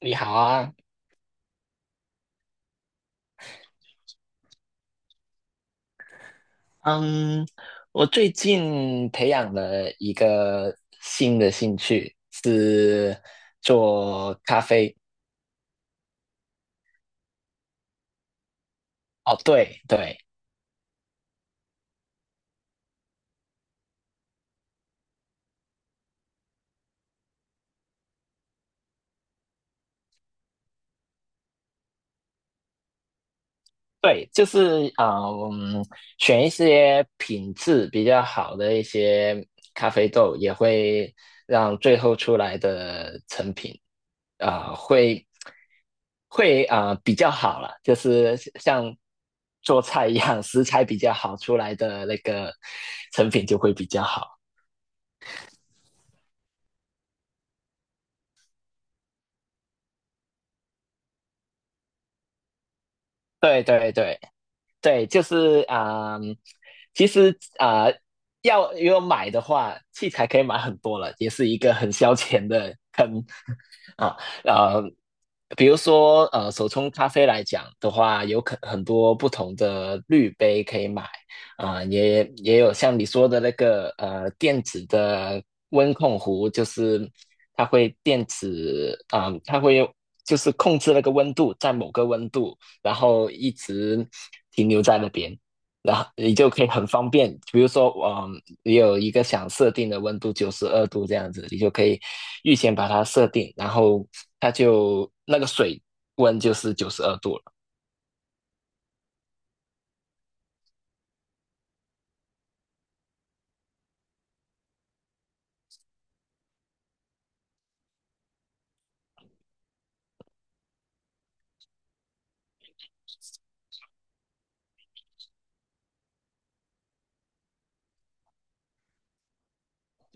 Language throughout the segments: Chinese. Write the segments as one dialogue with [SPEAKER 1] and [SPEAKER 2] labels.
[SPEAKER 1] 你好啊，嗯，我最近培养了一个新的兴趣，是做咖啡。哦，对对，对，就是啊，嗯，选一些品质比较好的一些咖啡豆，也会让最后出来的成品啊、呃会会比较好了，就是像做菜一样，食材比较好出来的那个成品就会比较好。对对对，对，就是其实要买的话，器材可以买很多了，也是一个很消遣的坑 啊。呃，比如说手冲咖啡来讲的话，有很多不同的滤杯可以买也有像你说的那个电子的温控壶，就是它会电子啊、它会控制那个温度在某个温度然后一直停留在那边，然后你就可以很方便，比如说，你有一个想设定的温度九十二度这样子，你就可以预先把它设定，然后它就那个水温就是九十二度了。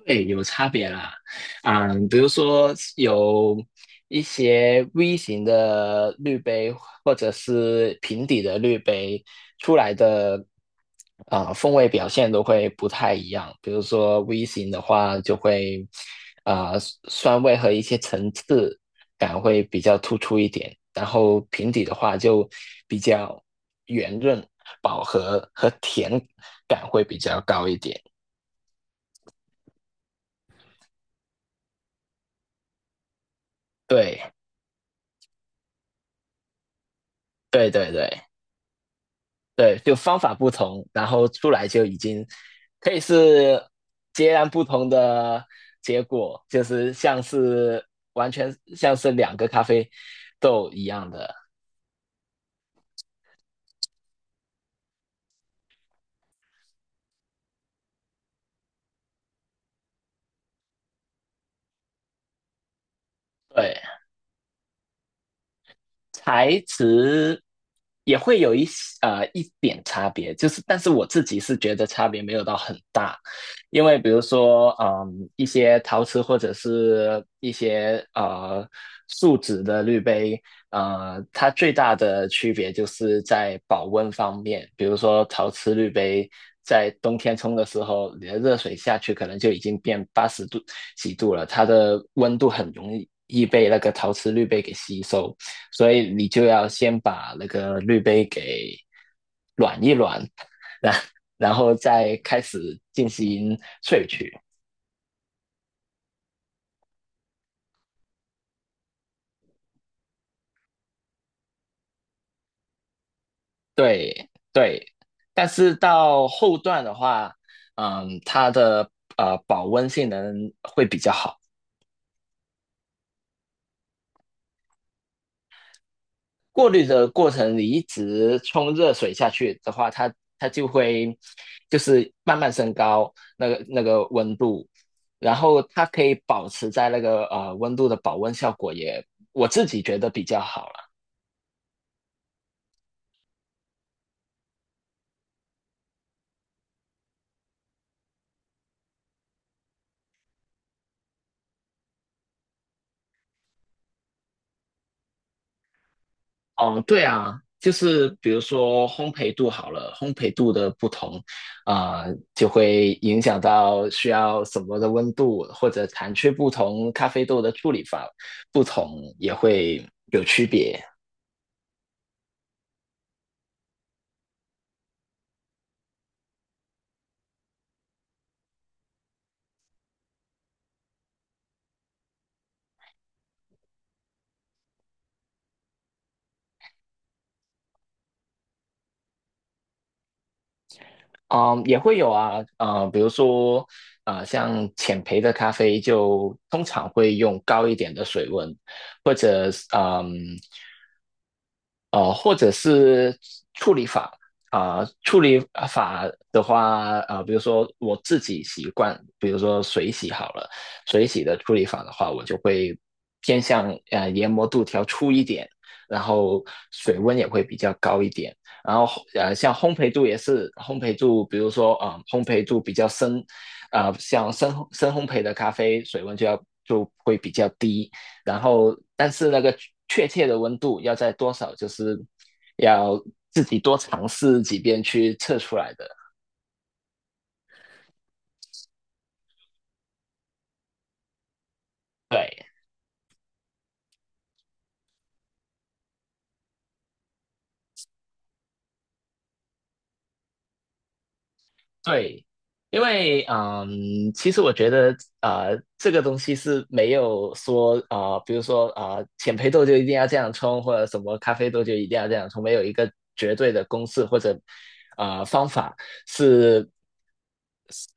[SPEAKER 1] 对，有差别啦，啊，比如说有一些 V 型的滤杯或者是平底的滤杯出来的，啊，风味表现都会不太一样。比如说 V 型的话，就会啊，酸味和一些层次感会比较突出一点，然后平底的话就比较圆润、饱和和甜感会比较高一点。对，对对对。对，就方法不同，然后出来就已经可以是截然不同的结果，就是像是完全像是两个咖啡豆一样的。对，材质也会有一些一点差别，就是但是我自己是觉得差别没有到很大，因为比如说一些陶瓷或者是一些树脂的滤杯，它最大的区别就是在保温方面，比如说陶瓷滤杯。在冬天冲的时候，你的热水下去可能就已经变80度几度了，它的温度很容易被那个陶瓷滤杯给吸收。所以你就要先把那个滤杯给软一软，然然后再开始进行萃取。对对，但是到后段的话，它的保温性能会比较好。过滤的过程你一直冲热水下去的话，它就会就是慢慢升高那个温度，然后它可以保持在那个温度的保温效果也，我自己觉得比较好了。哦，对啊，就是比如说烘焙度好了，烘焙度的不同，啊、就会影响到需要什么的温度，或者产区不同，咖啡豆的处理法不同也会有区别。嗯，也会有啊，比如说，啊，像浅焙的咖啡就通常会用高一点的水温，或者是，或者是处理法啊、处理的话，比如说我自己习惯，比如说水洗好了，水洗的处理法的话，我就会偏向研磨度调粗一点，然后水温也会比较高一点。然后像烘焙度也是烘焙度，比如说烘焙度比较深，像深深烘焙的咖啡水温就会比较低，然后但是那个确切的温度要在多少，就是要自己多尝试几遍去测出来的。对，对，因为其实我觉得这个东西是没有说比如说浅焙豆就一定要这样冲，或者什么咖啡豆就一定要这样冲，没有一个绝对的公式或者方法是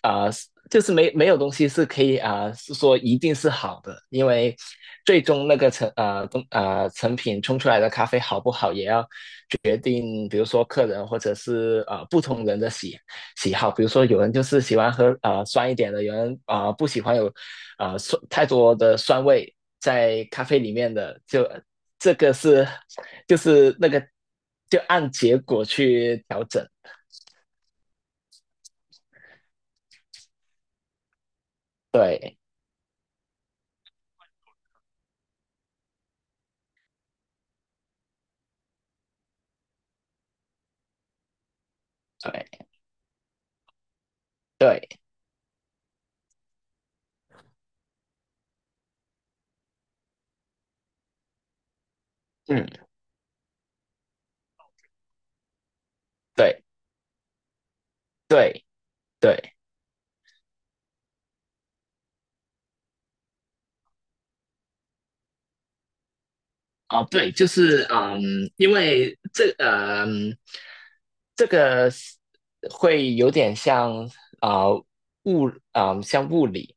[SPEAKER 1] 啊、呃就是没有东西是可以是说一定是好的，因为最终那个成品冲出来的咖啡好不好，也要定，比如说客人或者是不同人的喜好，比如说有人就是喜欢喝酸一点的，有人不喜欢有酸太多的酸味在咖啡里面的，就这个是就是那个就按结果去调整，对对对，嗯对对对哦，对，就是因为这个是会有点啊、呃物像物理，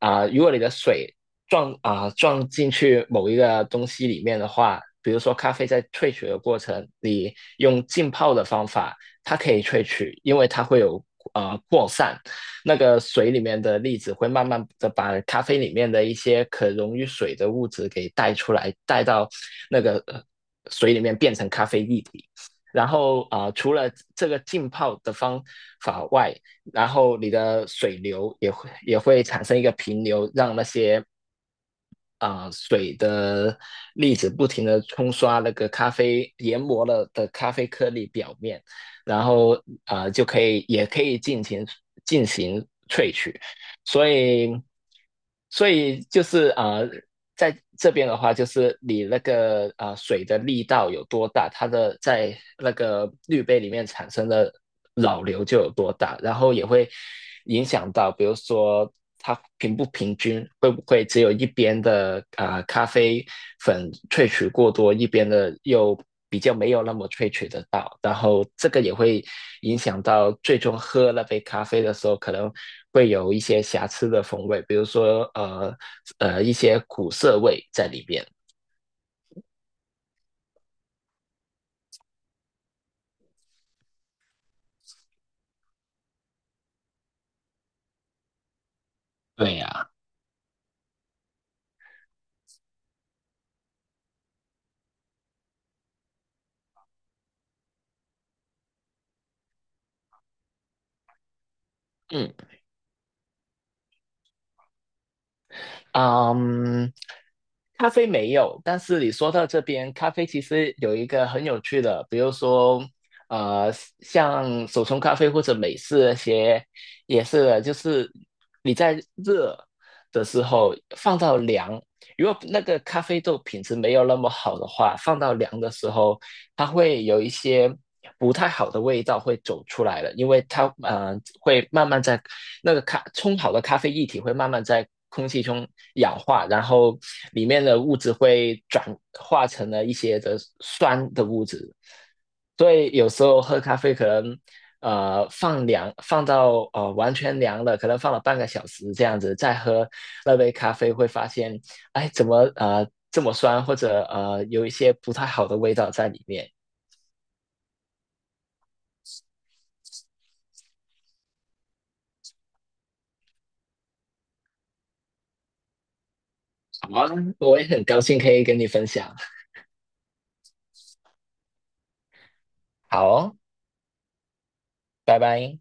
[SPEAKER 1] 如果你的水撞进去某一个东西里面的话，比如说咖啡在萃取的过程，你用浸泡的方法，它可以萃取，因为它会有扩散，那个水里面的粒子会慢慢的把咖啡里面的一些可溶于水的物质给带出来，带到那个水里面变成咖啡液体。然后除了这个浸泡的方法外，然后你的水流也会产生一个平流，让那些水的粒子不停的冲刷那个咖啡研磨了的咖啡颗粒表面，然后就可以也可以进行萃取，所以所以就是在这边的话，就是你那个水的力道有多大，它的在那个滤杯里面产生的老流就有多大，然后也会影响到，比如说它平不平均，会不会只有一边的咖啡粉萃取过多，一边的又比较没有那么萃取得到，然后这个也会影响到最终喝那杯咖啡的时候，可能会有一些瑕疵的风味，比如说一些苦涩味在里边。对呀，嗯嗯，咖啡没有，但是你说到这边，咖啡其实有一个很有趣的，比如说，呃，像手冲咖啡或者美式那些，也是的，就是你在热的时候放到凉，如果那个咖啡豆品质没有那么好的话，放到凉的时候，它会有一些不太好的味道会走出来了，因为它会慢慢在那个咖冲好的咖啡液体会慢慢在空气中氧化，然后里面的物质会转化成了一些的酸的物质，所以有时候喝咖啡可能。放凉，放到完全凉了，可能放了半个小时这样子，再喝那杯咖啡，会发现哎，怎么这么酸，或者有一些不太好的味道在里面。好啊，我也很高兴可以跟你分享。好哦，拜拜。